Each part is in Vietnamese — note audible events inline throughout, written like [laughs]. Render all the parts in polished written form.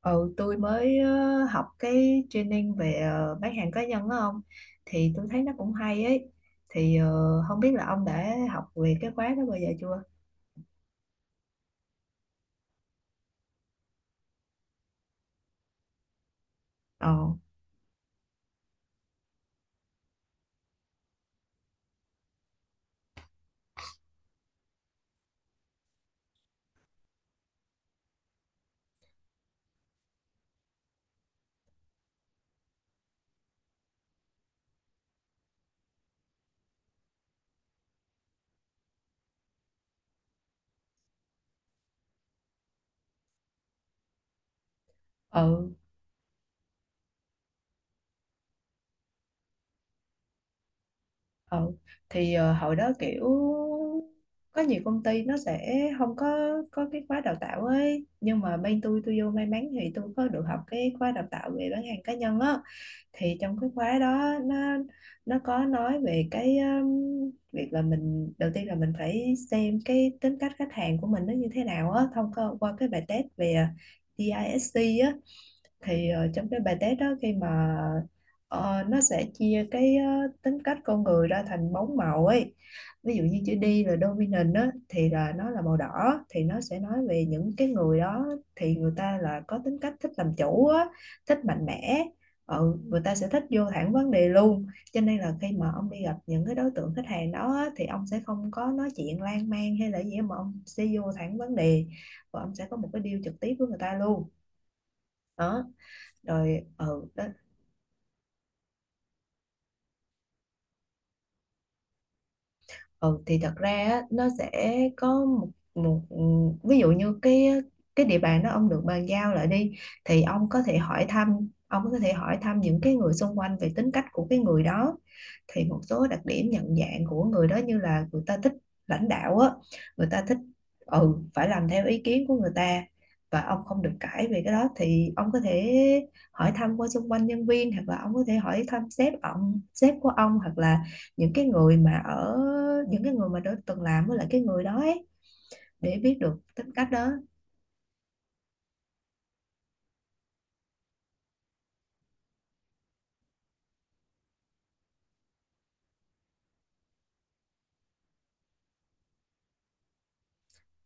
Ừ, tôi mới học cái training về bán hàng cá nhân đó ông, thì tôi thấy nó cũng hay ấy. Thì không biết là ông đã học về cái khóa đó bao giờ chưa? Ờ. Ừ. Ừ. Thì hồi đó kiểu có nhiều công ty nó sẽ không có cái khóa đào tạo ấy, nhưng mà bên tôi vô may mắn thì tôi có được học cái khóa đào tạo về bán hàng cá nhân á. Thì trong cái khóa đó nó có nói về cái việc là mình, đầu tiên là mình phải xem cái tính cách khách hàng của mình nó như thế nào á, thông qua qua cái bài test về DISC. Thì trong cái bài test đó, khi mà nó sẽ chia cái tính cách con người ra thành bốn màu ấy. Ví dụ như chữ D là dominant á thì là nó là màu đỏ, thì nó sẽ nói về những cái người đó. Thì người ta là có tính cách thích làm chủ á, thích mạnh mẽ, ừ, người ta sẽ thích vô thẳng vấn đề luôn. Cho nên là khi mà ông đi gặp những cái đối tượng khách hàng đó á, thì ông sẽ không có nói chuyện lan man hay là gì, mà ông sẽ vô thẳng vấn đề và ông sẽ có một cái deal trực tiếp với người ta luôn. Đó, rồi, ừ, đó. Ừ thì thật ra á, nó sẽ có một một ví dụ như cái địa bàn đó ông được bàn giao lại đi, thì ông có thể hỏi thăm, những cái người xung quanh về tính cách của cái người đó. Thì một số đặc điểm nhận dạng của người đó như là người ta thích lãnh đạo á, người ta thích, ừ, phải làm theo ý kiến của người ta và ông không được cãi về cái đó. Thì ông có thể hỏi thăm qua xung quanh nhân viên, hoặc là ông có thể hỏi thăm sếp, sếp của ông, hoặc là những cái người mà ở, những cái người mà đã từng làm với lại cái người đó ấy, để biết được tính cách đó.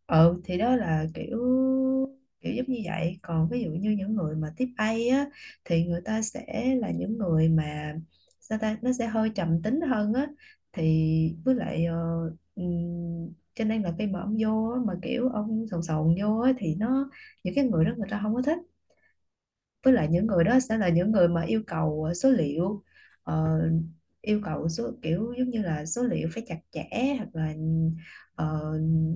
Ừ thì đó là kiểu, kiểu giống như vậy. Còn ví dụ như những người mà tiếp A á, thì người ta sẽ là những người mà, sao ta, nó sẽ hơi trầm tính hơn á. Thì với lại cho nên là khi mà ông vô á, mà kiểu ông sồn sồn vô á, thì nó, những cái người đó người ta không có thích. Với lại những người đó sẽ là những người mà yêu cầu số liệu, ờ, yêu cầu số, kiểu giống như là số liệu phải chặt chẽ, hoặc là ờ,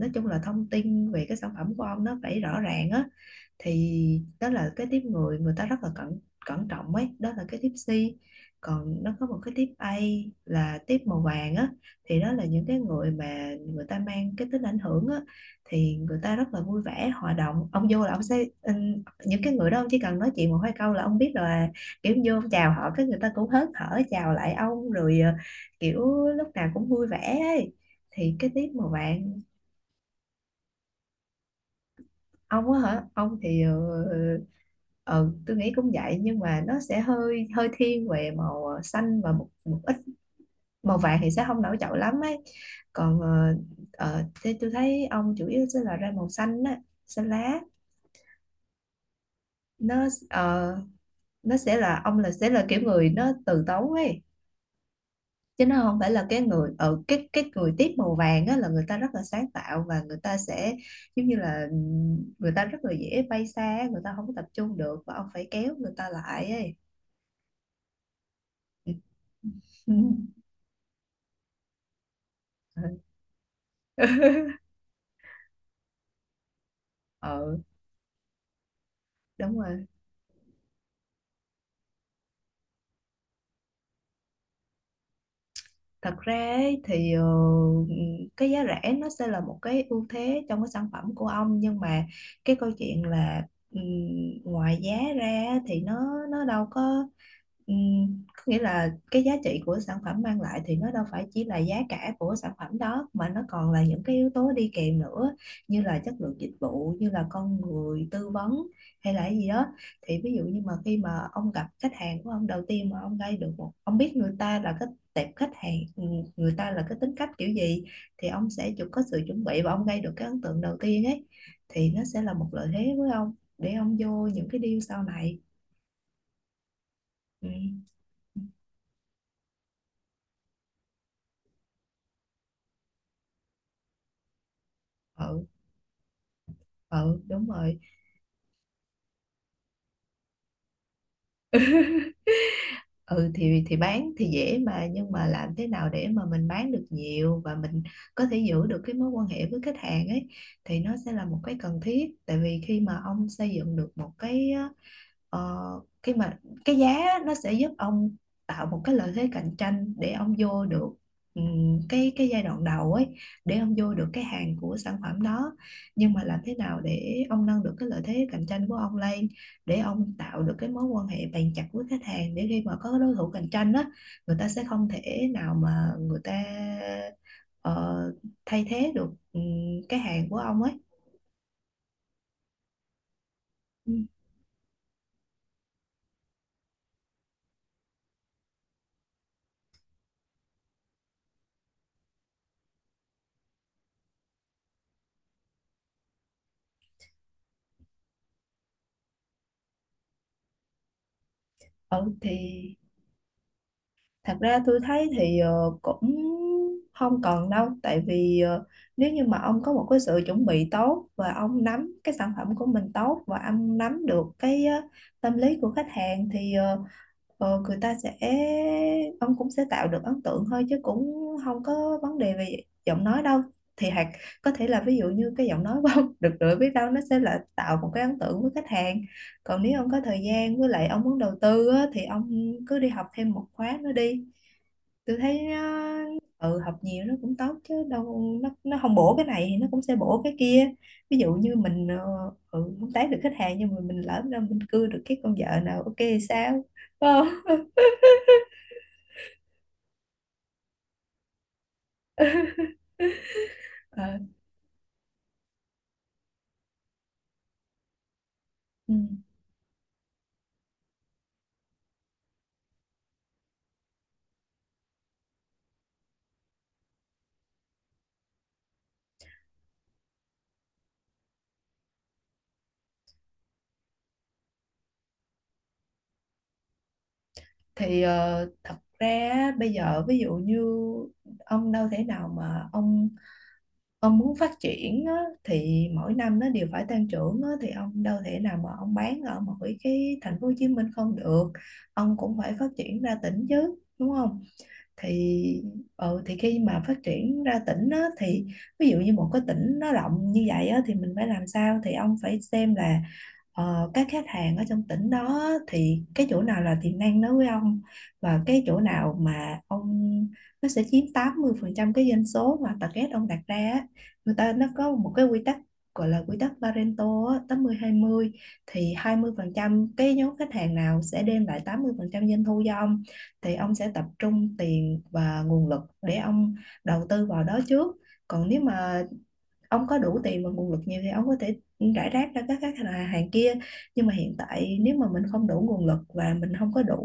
nói chung là thông tin về cái sản phẩm của ông nó phải rõ ràng á. Thì đó là cái tiếp người, người ta rất là cẩn cẩn trọng ấy, đó là cái tiếp C. Còn nó có một cái tiếp A là tiếp màu vàng á, thì đó là những cái người mà người ta mang cái tính ảnh hưởng á. Thì người ta rất là vui vẻ hòa đồng, ông vô là ông sẽ, những cái người đó ông chỉ cần nói chuyện một hai câu là ông biết là, kiểu vô ông chào họ cái người ta cũng hớn hở chào lại ông, rồi kiểu lúc nào cũng vui vẻ ấy, thì cái tiếp màu vàng. Ông á hả? Ông thì ờ, tôi nghĩ cũng vậy, nhưng mà nó sẽ hơi hơi thiên về màu xanh, và một một ít màu vàng thì sẽ không nổi trội lắm ấy. Còn thế tôi thấy ông chủ yếu sẽ là ra màu xanh á, xanh lá. Nó nó sẽ là ông là sẽ là kiểu người nó từ tốn ấy, chứ nó không phải là cái người ở cái người tiếp màu vàng á là người ta rất là sáng tạo và người ta sẽ giống như là, người ta rất là dễ bay xa, người ta không có tập trung được và ông phải kéo người ta lại ấy. Ừ. [laughs] Ừ. Ừ, đúng rồi. Thật ra ấy, thì cái giá rẻ nó sẽ là một cái ưu thế trong cái sản phẩm của ông, nhưng mà cái câu chuyện là, ừm, ngoài giá ra thì nó đâu có, có nghĩa là cái giá trị của sản phẩm mang lại thì nó đâu phải chỉ là giá cả của sản phẩm đó, mà nó còn là những cái yếu tố đi kèm nữa, như là chất lượng dịch vụ, như là con người tư vấn, hay là cái gì đó. Thì ví dụ như mà khi mà ông gặp khách hàng của ông đầu tiên, mà ông gây được một, ông biết người ta là cái tệp khách hàng, ừ, người ta là cái tính cách kiểu gì, thì ông sẽ chụp có sự chuẩn bị và ông gây được cái ấn tượng đầu tiên ấy, thì nó sẽ là một lợi thế với ông để ông vô những cái deal sau này. Ừ. Ừ. Ừ, đúng rồi. Ừ thì bán thì dễ mà, nhưng mà làm thế nào để mà mình bán được nhiều và mình có thể giữ được cái mối quan hệ với khách hàng ấy, thì nó sẽ là một cái cần thiết. Tại vì khi mà ông xây dựng được một cái, ờ, khi mà cái giá á, nó sẽ giúp ông tạo một cái lợi thế cạnh tranh để ông vô được, cái giai đoạn đầu ấy, để ông vô được cái hàng của sản phẩm đó. Nhưng mà làm thế nào để ông nâng được cái lợi thế cạnh tranh của ông lên, để ông tạo được cái mối quan hệ bền chặt với khách hàng, để khi mà có đối thủ cạnh tranh á, người ta sẽ không thể nào mà người ta ờ, thay thế được, ừ, cái hàng của ông ấy. Ừ. Ừ thì. Thật ra tôi thấy thì cũng không cần đâu, tại vì nếu như mà ông có một cái sự chuẩn bị tốt, và ông nắm cái sản phẩm của mình tốt, và ông nắm được cái tâm lý của khách hàng, thì người ta sẽ, ông cũng sẽ tạo được ấn tượng thôi, chứ cũng không có vấn đề về giọng nói đâu. Thì hoặc có thể là, ví dụ như cái giọng nói của ông [laughs] được rồi, biết đâu nó sẽ là tạo một cái ấn tượng với khách hàng. Còn nếu ông có thời gian với lại ông muốn đầu tư á, thì ông cứ đi học thêm một khóa nữa đi, tôi thấy nó, ừ, học nhiều nó cũng tốt chứ đâu, nó không bổ cái này thì nó cũng sẽ bổ cái kia. Ví dụ như mình ừ, không tán được khách hàng, nhưng mà mình lỡ đâu mình cưa được cái con vợ nào ok thì sao. [laughs] Đúng không? Ờ. Ừ. Thì thật ra á, bây giờ ví dụ như ông đâu thể nào mà ông muốn phát triển á, thì mỗi năm nó đều phải tăng trưởng á, thì ông đâu thể nào mà ông bán ở mỗi cái thành phố Hồ Chí Minh không được, ông cũng phải phát triển ra tỉnh chứ, đúng không? Thì, ừ, thì khi mà phát triển ra tỉnh á, thì ví dụ như một cái tỉnh nó rộng như vậy á, thì mình phải làm sao, thì ông phải xem là các khách hàng ở trong tỉnh đó á, thì cái chỗ nào là tiềm năng đối với ông, và cái chỗ nào mà ông, nó sẽ chiếm 80% cái doanh số mà target ông đặt ra á. Người ta nó có một cái quy tắc gọi là quy tắc Pareto á, 80-20. Thì 20% cái nhóm khách hàng nào sẽ đem lại 80% doanh thu cho ông, thì ông sẽ tập trung tiền và nguồn lực để ông đầu tư vào đó trước. Còn nếu mà ông có đủ tiền và nguồn lực nhiều, thì ông có thể rải rác ra các khách hàng hàng kia. Nhưng mà hiện tại nếu mà mình không đủ nguồn lực và mình không có đủ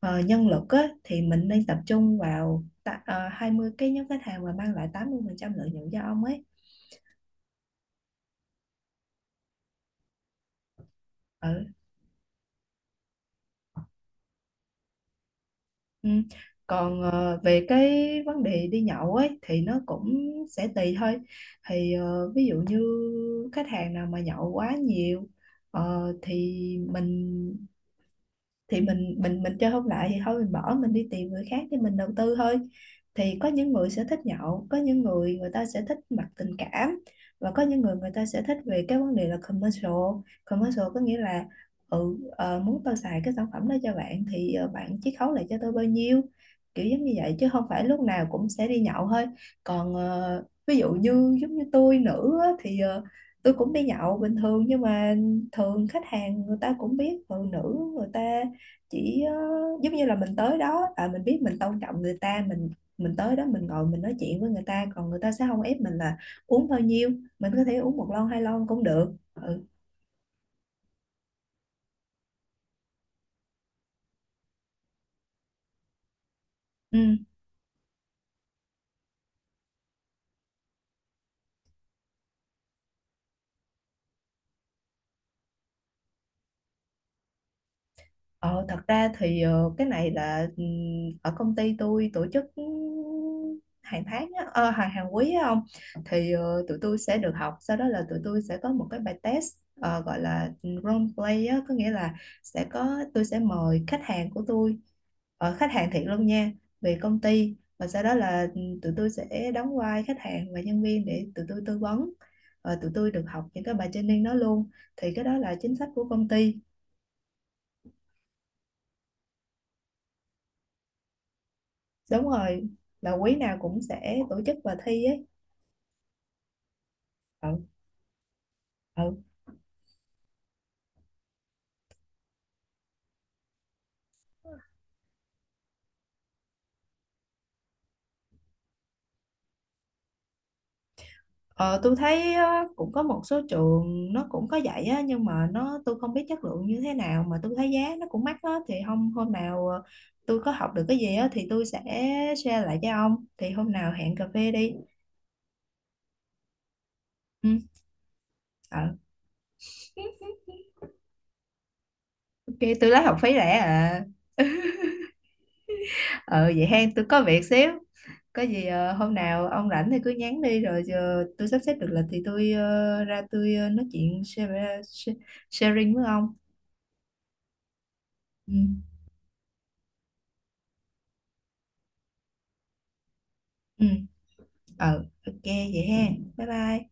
nhân lực á, thì mình nên tập trung vào ta, 20 cái nhóm khách hàng mà mang lại 80% lợi nhuận cho ông ấy. Ừ. Ừ. Còn về cái vấn đề đi nhậu ấy, thì nó cũng sẽ tùy thôi. Thì ví dụ như khách hàng nào mà nhậu quá nhiều, thì mình, thì mình mình chơi không lại thì thôi, mình bỏ, mình đi tìm người khác để mình đầu tư thôi. Thì có những người sẽ thích nhậu, có những người người ta sẽ thích mặt tình cảm, và có những người người ta sẽ thích về cái vấn đề là commercial. Commercial có nghĩa là, ừ, muốn tôi xài cái sản phẩm đó cho bạn thì bạn chiết khấu lại cho tôi bao nhiêu, kiểu giống như vậy, chứ không phải lúc nào cũng sẽ đi nhậu thôi. Còn ví dụ như giống như tôi nữ á, thì tôi cũng đi nhậu bình thường, nhưng mà thường khách hàng người ta cũng biết phụ nữ, người ta chỉ giống như là mình tới đó, à, mình biết mình tôn trọng người ta, mình tới đó mình ngồi mình nói chuyện với người ta, còn người ta sẽ không ép mình là uống bao nhiêu, mình có thể uống một lon hai lon cũng được, ừ. Ừ. Ờ, thật ra thì cái này là, ở công ty tôi tổ chức, hàng tháng á, hàng hàng quý á ông, thì tụi tôi sẽ được học, sau đó là tụi tôi sẽ có một cái bài test gọi là role play á, có nghĩa là sẽ có, tôi sẽ mời khách hàng của tôi, khách hàng thiệt luôn nha, về công ty, và sau đó là tụi tôi sẽ đóng vai khách hàng và nhân viên để tụi tôi tư vấn. Ờ, tụi tôi được học những cái bài training đó luôn, thì cái đó là chính sách của công ty. Đúng rồi, là quý nào cũng sẽ tổ chức và thi ấy. Ừ. Ừ. Ờ, tôi thấy á, cũng có một số trường nó cũng có dạy á, nhưng mà nó, tôi không biết chất lượng như thế nào, mà tôi thấy giá nó cũng mắc á. Thì hôm hôm nào tôi có học được cái gì á, thì tôi sẽ share lại cho ông. Thì hôm nào hẹn cà phê đi. Ừ. ờ, ok, tôi lấy học phí rẻ à. Ờ, vậy hen, tôi có việc xíu. Có gì hôm nào ông rảnh thì cứ nhắn đi, rồi giờ tôi sắp xếp được lịch thì tôi ra tôi nói chuyện share, sharing với ông. Ừ. Ừ. Ừ. Ok vậy ha. Bye bye.